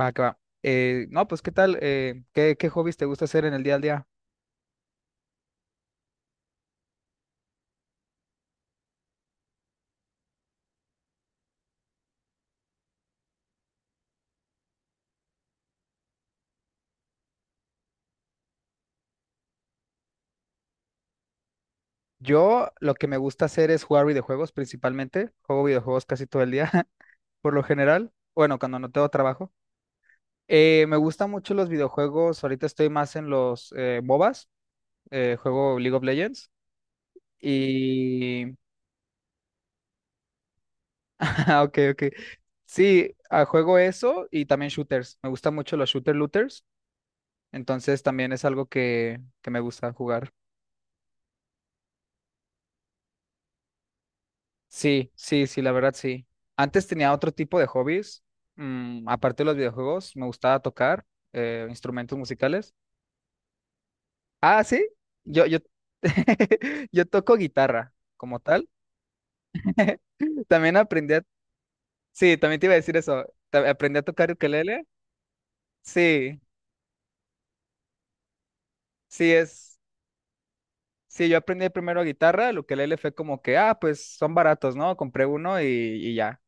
Va, que va. No, pues, ¿qué tal? ¿Qué hobbies te gusta hacer en el día al día? Yo lo que me gusta hacer es jugar videojuegos principalmente. Juego videojuegos casi todo el día, por lo general. Bueno, cuando no tengo trabajo. Me gustan mucho los videojuegos. Ahorita estoy más en los MOBAs. Juego League of Legends. Y... Ah, ok, ok. Sí, ah, juego eso y también shooters. Me gustan mucho los shooter looters. Entonces también es algo que me gusta jugar. Sí, sí, sí, la verdad sí. Antes tenía otro tipo de hobbies. Aparte de los videojuegos, me gustaba tocar instrumentos musicales. Ah, sí, yo, yo, yo toco guitarra como tal. También aprendí a. Sí, también te iba a decir eso. Aprendí a tocar ukelele. Sí, sí es... Sí, yo aprendí primero guitarra. El ukelele fue como que, ah, pues son baratos, ¿no? Compré uno y ya.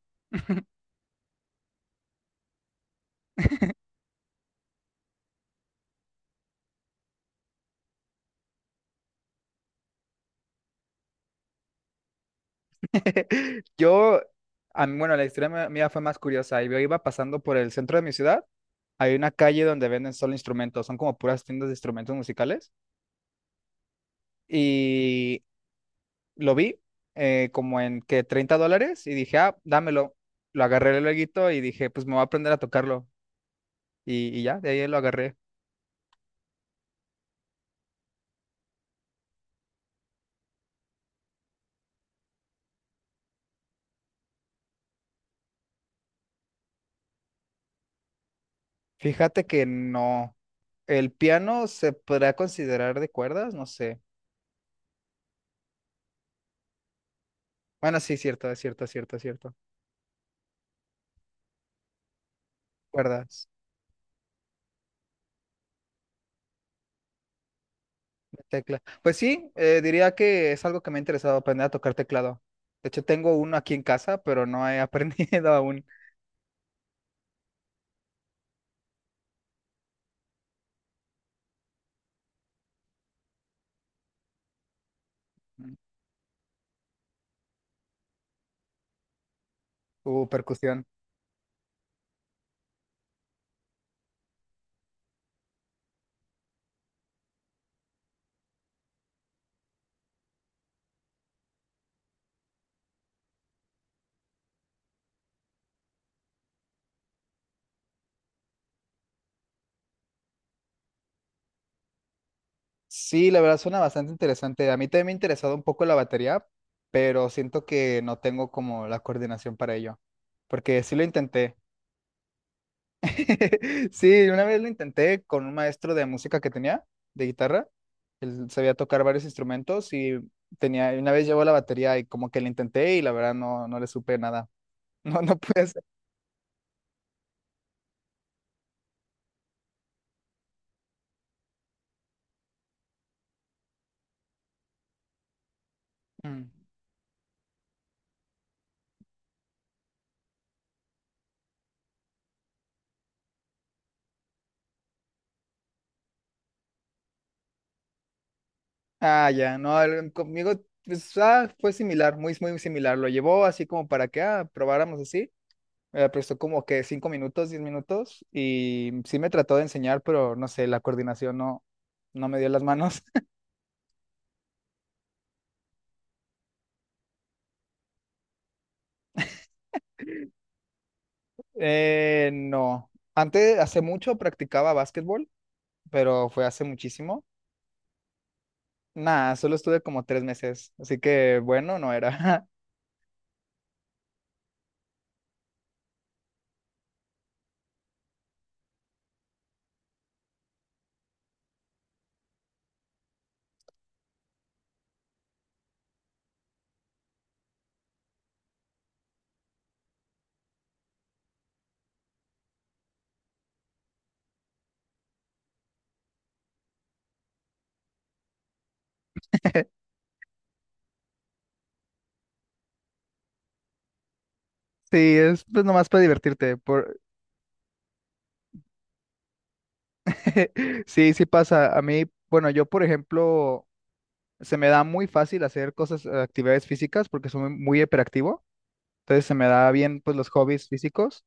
Yo, a mí, bueno, la historia mía mía fue más curiosa. Yo iba pasando por el centro de mi ciudad. Hay una calle donde venden solo instrumentos, son como puras tiendas de instrumentos musicales. Y lo vi como en que $30 y dije, ah, dámelo. Lo agarré luego y dije, pues me voy a aprender a tocarlo. Y ya, de ahí lo agarré. Fíjate que no. El piano se podrá considerar de cuerdas, no sé. Bueno, sí, cierto, es cierto, es cierto, es cierto. Cuerdas. Tecla. Pues sí, diría que es algo que me ha interesado aprender a tocar teclado. De hecho, tengo uno aquí en casa, pero no he aprendido aún su percusión. Sí, la verdad suena bastante interesante. A mí también me ha interesado un poco la batería, pero siento que no tengo como la coordinación para ello, porque sí lo intenté. Sí, una vez lo intenté con un maestro de música que tenía, de guitarra. Él sabía tocar varios instrumentos y tenía, una vez llevó la batería y como que la intenté y la verdad no, no le supe nada. No, no pude hacer. Mm. Ah, ya, no, conmigo pues, ah, fue similar, muy, muy similar. Lo llevó así como para que probáramos así. Me prestó como que 5 minutos, 10 minutos y sí me trató de enseñar, pero no sé, la coordinación no, no me dio las manos. No, antes, hace mucho practicaba básquetbol, pero fue hace muchísimo. Nada, solo estuve como 3 meses, así que bueno, no era. Sí, es pues nomás para divertirte. Sí, sí pasa. A mí, bueno, yo por ejemplo, se me da muy fácil hacer cosas, actividades físicas porque soy muy hiperactivo. Entonces se me da bien pues los hobbies físicos.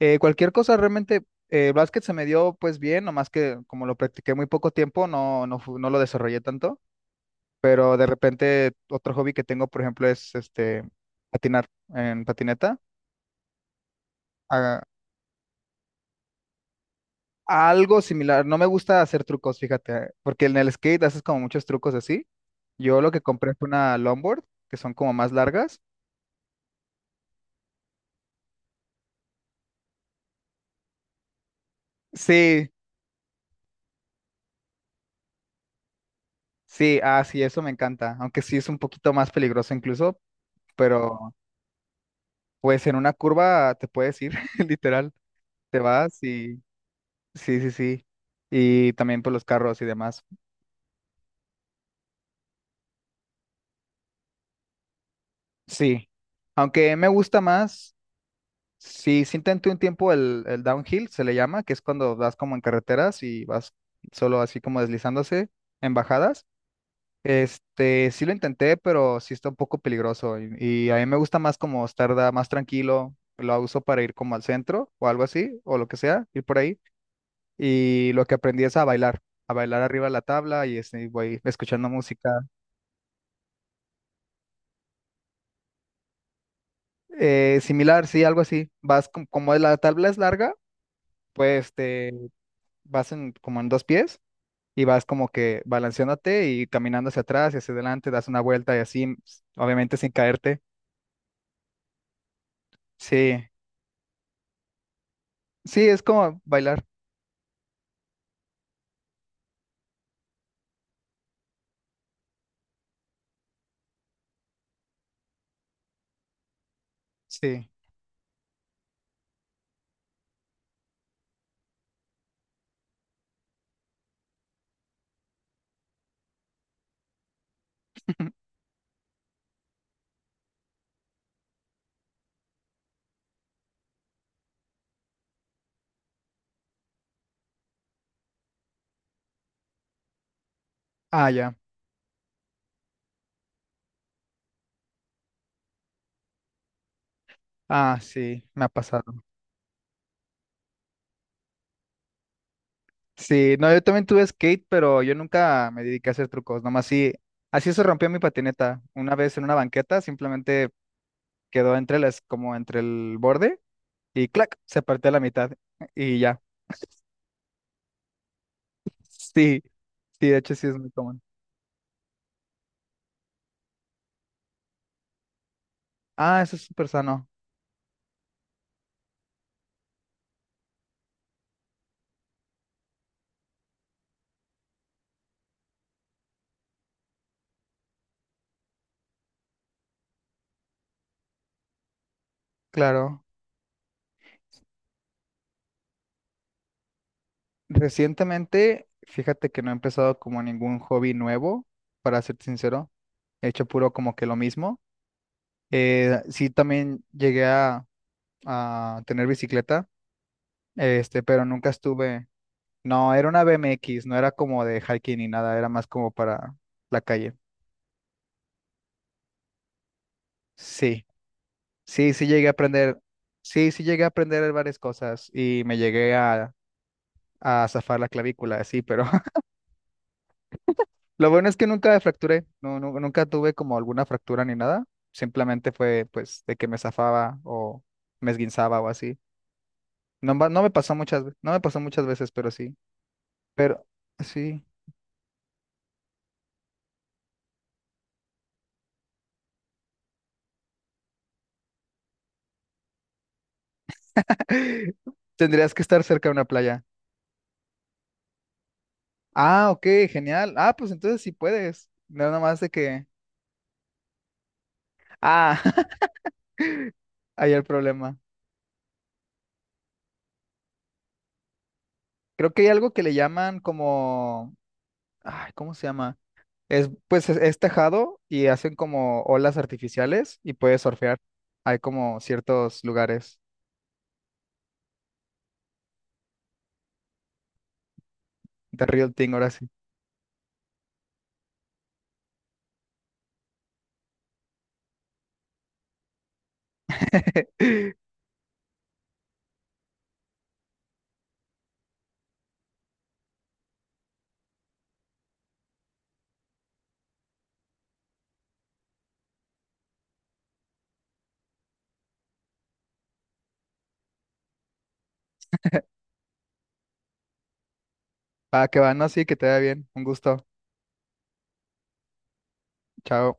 Cualquier cosa realmente, el básquet se me dio pues bien, nomás que como lo practiqué muy poco tiempo, no lo desarrollé tanto. Pero de repente otro hobby que tengo, por ejemplo, es este patinar en patineta. Ah, algo similar. No me gusta hacer trucos, fíjate, porque en el skate haces como muchos trucos así. Yo lo que compré fue una longboard, que son como más largas. Sí, sí, ah, sí, eso me encanta. Aunque sí es un poquito más peligroso incluso, pero pues en una curva te puedes ir, literal. Te vas y sí, sí, sí. Y también por los carros y demás. Sí. Aunque me gusta más. Sí, sí intenté un tiempo el downhill, se le llama, que es cuando vas como en carreteras y vas solo así como deslizándose en bajadas. Este, sí lo intenté, pero sí está un poco peligroso y a mí me gusta más como estar más tranquilo, lo uso para ir como al centro o algo así, o lo que sea, ir por ahí. Y lo que aprendí es a bailar arriba de la tabla y este, voy escuchando música. Similar, sí, algo así. Vas como la tabla es larga, pues te vas en, como en dos pies. Y vas como que balanceándote y caminando hacia atrás y hacia adelante, das una vuelta y así, obviamente sin caerte. Sí, sí, es como bailar. Sí. Ah, ya. Ah, sí, me ha pasado. Sí, no, yo también tuve skate, pero yo nunca me dediqué a hacer trucos, nomás sí, así se rompió mi patineta. Una vez en una banqueta, simplemente quedó entre las, como entre el borde y clac, se partió a la mitad y ya. Sí, sí, de hecho sí es muy común. Ah, eso es súper sano, claro. Recientemente, fíjate que no he empezado como ningún hobby nuevo, para ser sincero. He hecho puro como que lo mismo. Sí, también llegué a tener bicicleta, este, pero nunca estuve. No, era una BMX, no era como de hiking ni nada, era más como para la calle. Sí, sí, sí llegué a aprender. Sí, sí llegué a aprender varias cosas y me llegué a zafar la clavícula, sí, pero. Lo bueno es que nunca fracturé, nunca tuve como alguna fractura ni nada. Simplemente fue pues de que me zafaba o me esguinzaba o así. No, no me pasó muchas, no me pasó muchas veces, pero sí. Pero sí. Tendrías que estar cerca de una playa. Ah, ok, genial. Ah, pues entonces sí puedes. No nada más de que. Ah, ahí el problema. Creo que hay algo que le llaman como. Ay, ¿cómo se llama? Pues es tejado y hacen como olas artificiales y puedes surfear. Hay como ciertos lugares de real thing ahora sí. Ah, que va, no, sí, que te vaya bien. Un gusto. Chao.